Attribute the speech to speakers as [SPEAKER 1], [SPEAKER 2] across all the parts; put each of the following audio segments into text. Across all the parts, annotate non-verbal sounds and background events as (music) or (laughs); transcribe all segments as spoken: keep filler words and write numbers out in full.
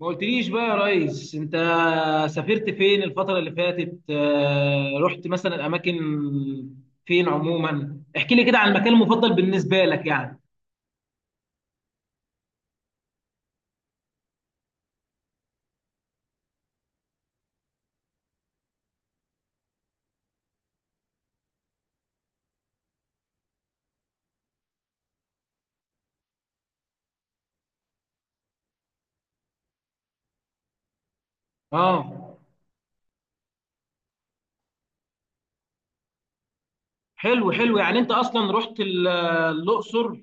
[SPEAKER 1] ما قلتليش بقى يا ريس، انت سافرت فين الفترة اللي فاتت؟ آه، رحت مثلا الاماكن فين عموما؟ احكي لي كده عن المكان المفضل بالنسبة لك يعني. اه. حلو حلو، يعني انت اصلا رحت ال- الاقصر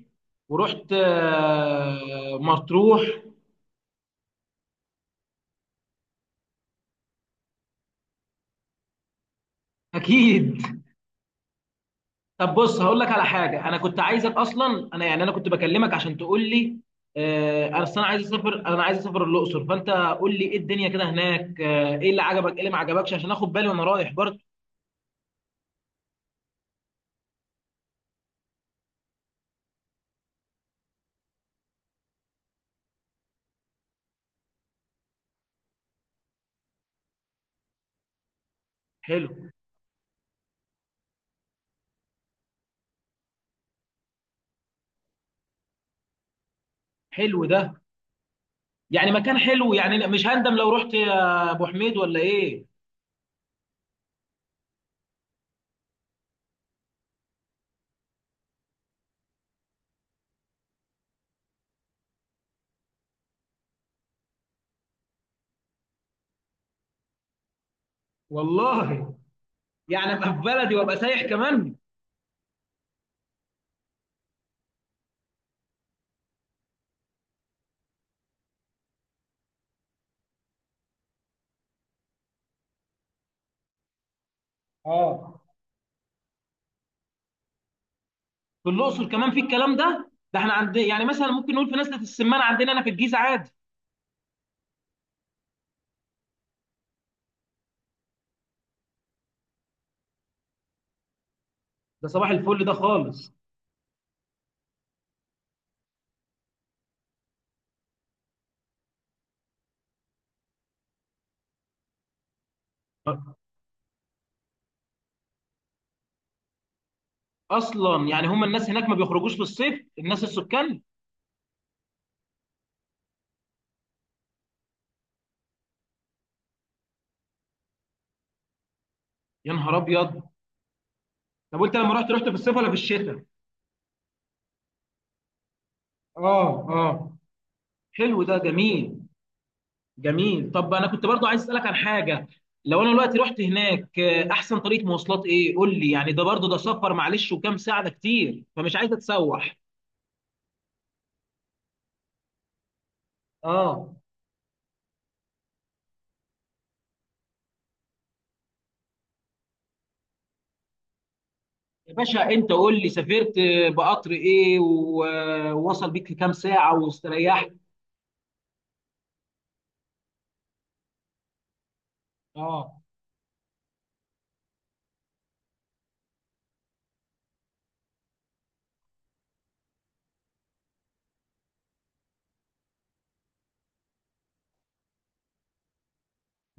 [SPEAKER 1] ورحت آه، مطروح، اكيد. طب بص، هقول لك على حاجه، انا كنت عايزك اصلا، انا يعني انا كنت بكلمك عشان تقول لي، آه، انا أصل انا عايز اسافر انا عايز اسافر الاقصر، فانت قول لي ايه الدنيا كده هناك، آه، ايه اللي عجبك ايه اللي ما عجبكش عشان اخد بالي وانا رايح برضه. حلو حلو ده، يعني مكان حلو يعني، مش هندم لو رحت يا ابو حميد ولا ايه؟ والله يعني ابقى في بلدي وابقى سايح كمان. اه. في الاقصر كمان في الكلام ده؟ ده احنا عندنا يعني مثلا ممكن نقول في نزله السمان عندنا انا في الجيزه عادي، ده صباح الفل ده خالص. اصلا يعني هم الناس هناك ما بيخرجوش في الصيف، الناس السكان؟ يا نهار ابيض. طب وانت لما رحت رحت في الصيف ولا في الشتاء؟ اه اه. حلو ده، جميل جميل. طب انا كنت برضو عايز اسالك عن حاجه، لو انا دلوقتي رحت هناك، آه، احسن طريقه مواصلات ايه؟ قول لي يعني ده برضو ده سفر، معلش، وكام ساعه، ده كتير فمش عايز اتسوح. اه يا باشا، انت قول لي، سافرت آه، بقطر ايه و- آه، ووصل بيك في كام ساعه واستريحت؟ اه.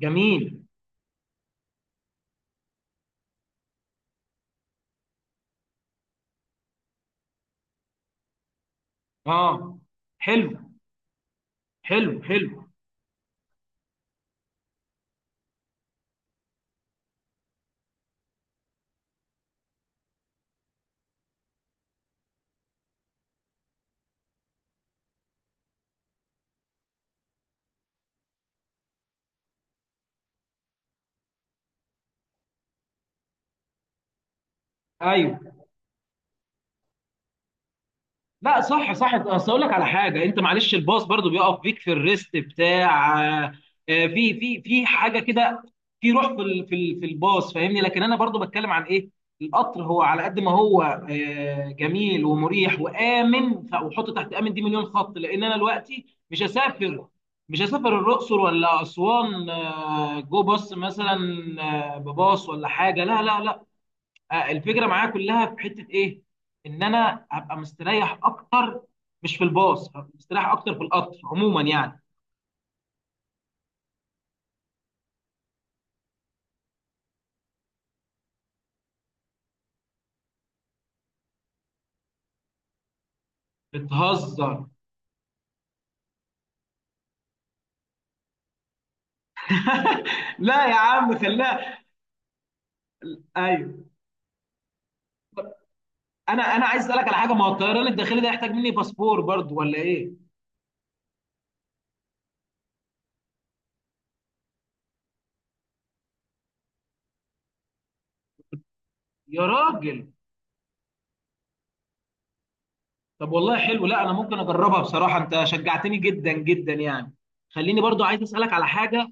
[SPEAKER 1] جميل. اه. حلو حلو حلو. ايوه. لا صح صح، اصل اقول لك على حاجه، انت معلش الباص برضو بيقف بيك في الريست بتاع، آه، آه، في في في حاجه كده، في روح في ال- في ال- في الباص فاهمني، لكن انا برضو بتكلم عن ايه؟ القطر هو على قد ما هو آه، جميل ومريح وامن ف- وحط تحت امن دي مليون خط، لان انا دلوقتي مش هسافر مش هسافر الاقصر ولا اسوان، آه، جو باص مثلا، آه، بباص ولا حاجه، لا لا، آه، الفكره معايا كلها في حته ايه؟ ان انا هبقى مستريح اكتر، مش في الباص هبقى مستريح اكتر في القطر عموما يعني. بتهزر. (laughs) لا يا عم خلاها. ايوه. انا انا عايز اسالك على حاجه، ما هو الطيران الداخلي ده يحتاج مني باسبور برضو ولا ايه؟ يا راجل. طب والله حلو، لا انا ممكن اجربها بصراحه، انت شجعتني جدا جدا يعني. خليني برضو عايز اسالك على حاجه،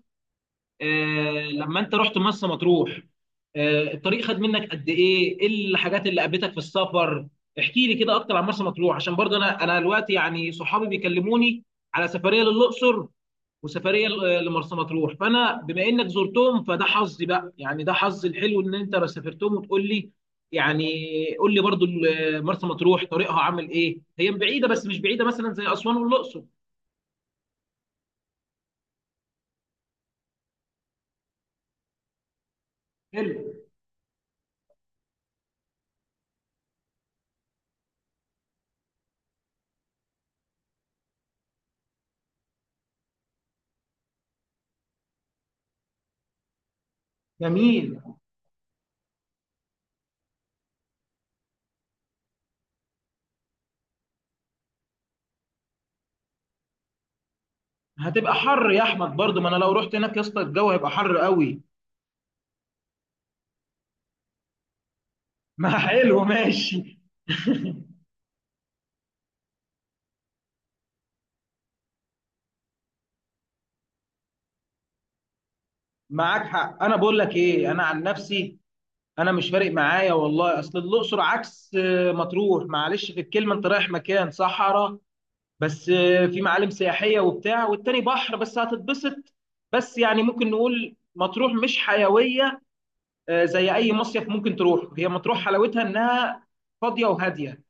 [SPEAKER 1] آه، لما انت رحت مرسى مطروح، آه، الطريق خد منك قد ايه؟ ايه الحاجات اللي قابلتك في السفر؟ احكي لي كده اكتر عن مرسى مطروح، عشان برضه انا انا دلوقتي يعني صحابي بيكلموني على سفريه للاقصر وسفريه ل- لمرسى مطروح، فانا بما انك زرتهم فده حظي بقى، يعني ده حظي الحلو ان انت بس سافرتهم وتقول لي يعني. قول لي برضه ال- مرسى مطروح طريقها عامل ايه؟ هي بعيده بس مش بعيده مثلا زي اسوان والاقصر. حلو. جميل. هتبقى حر يا احمد برضو، ما انا لو رحت هناك يا اسطى الجو هيبقى حر قوي. (laughs) ما حلو ماشي. معاك حق، انا بقول لك ايه، انا عن نفسي انا مش فارق معايا والله، اصل الاقصر عكس آه، مطروح، معلش في الكلمه، انت رايح مكان صحراء بس آه، في معالم سياحيه وبتاع، والتاني بحر بس هتتبسط. بس يعني ممكن نقول مطروح مش حيويه آه، زي اي مصيف ممكن تروح، هي مطروح حلاوتها انها فاضيه وهاديه.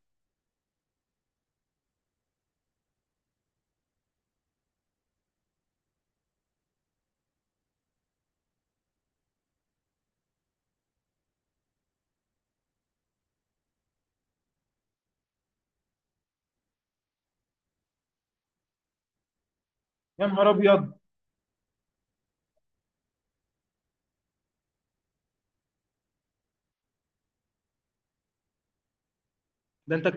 [SPEAKER 1] يا نهار ابيض. ده انت،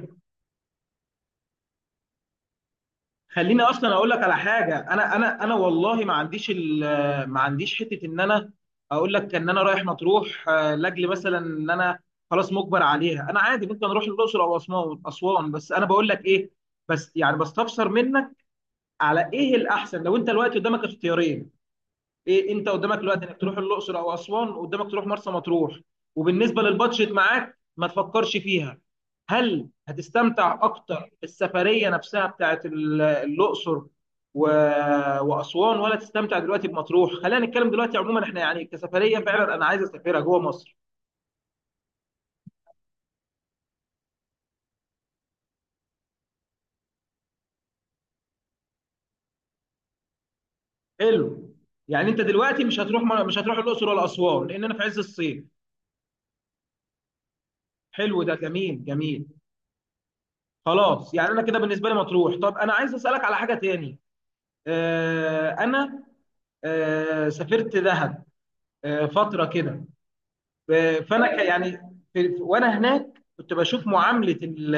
[SPEAKER 1] خليني اصلا اقول لك على حاجه، انا انا انا والله ما عنديش ال- ما عنديش حته ان انا اقول لك ان انا رايح مطروح آه، لاجل مثلا، ان انا خلاص مجبر عليها، انا عادي ممكن اروح الاقصر او اسوان اسوان بس، انا بقول لك ايه، بس يعني بستفسر منك على ايه الاحسن لو انت الوقت قدامك اختيارين، ايه انت قدامك دلوقتي انك تروح الاقصر او اسوان، قدامك تروح مرسى مطروح، وبالنسبه للبادجت معاك ما تفكرش فيها، هل هتستمتع اكتر بالسفريه نفسها بتاعت ال- الاقصر و... واسوان، ولا تستمتع دلوقتي بمطروح؟ خلينا نتكلم دلوقتي عموما، احنا يعني كسفريه فعلا انا عايز اسافرها جوه مصر. حلو. يعني انت دلوقتي مش هتروح، مش هتروح الاقصر ولا اسوان لان انا في عز الصيف؟ حلو ده، جميل جميل. خلاص، يعني انا كده بالنسبه لي مطروح. طب انا عايز اسالك على حاجه تاني، آه، انا آه، سافرت دهب آه، فتره كده، آه، فانا ك- يعني في- في- وانا هناك كنت بشوف معامله ال-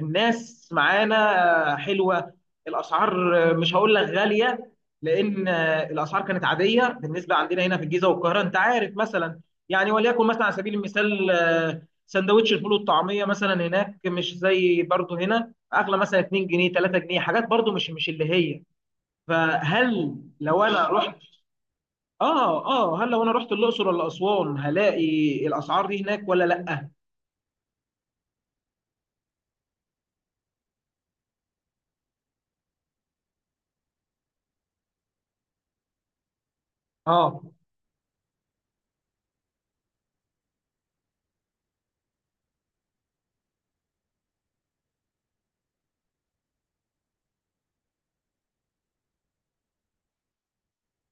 [SPEAKER 1] الناس معانا آه، حلوه، الاسعار آه، مش هقول لك غاليه، لان آه، الاسعار كانت عاديه بالنسبه عندنا هنا في الجيزه والقاهره انت عارف مثلا، يعني وليكن مثلا على سبيل المثال آه، سندوتش الفول والطعميه مثلا هناك مش زي برضه هنا، اغلى مثلا اتنين جنيه تلاته جنيه، حاجات برضه مش مش اللي هي. فهل لو انا رحت اه اه، هل لو انا رحت الاقصر ولا اسوان هلاقي الاسعار دي هناك ولا لا؟ اه.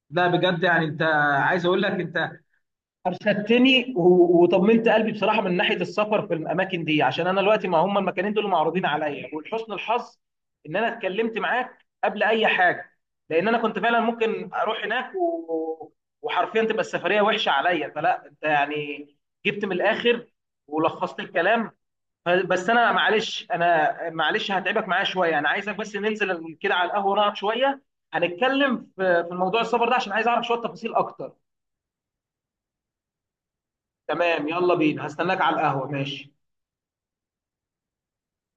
[SPEAKER 1] لا بجد، يعني انت عايز اقول لك، انت ارشدتني و- وطمنت قلبي بصراحه من ناحيه السفر في الاماكن دي، عشان انا دلوقتي ما هم المكانين دول معروضين عليا، ولحسن الحظ ان انا اتكلمت معاك قبل اي حاجه، لان انا كنت فعلا ممكن اروح هناك و... وحرفيا تبقى السفريه وحشه عليا، فلا انت يعني جبت من الاخر ولخصت الكلام. بس انا معلش انا معلش هتعبك معايا شويه، انا عايزك بس ننزل كده على القهوه نقعد شويه، هنتكلم في في الموضوع السفر ده عشان عايز اعرف شويه تفاصيل اكتر. تمام يلا بينا، هستناك على القهوه، ماشي.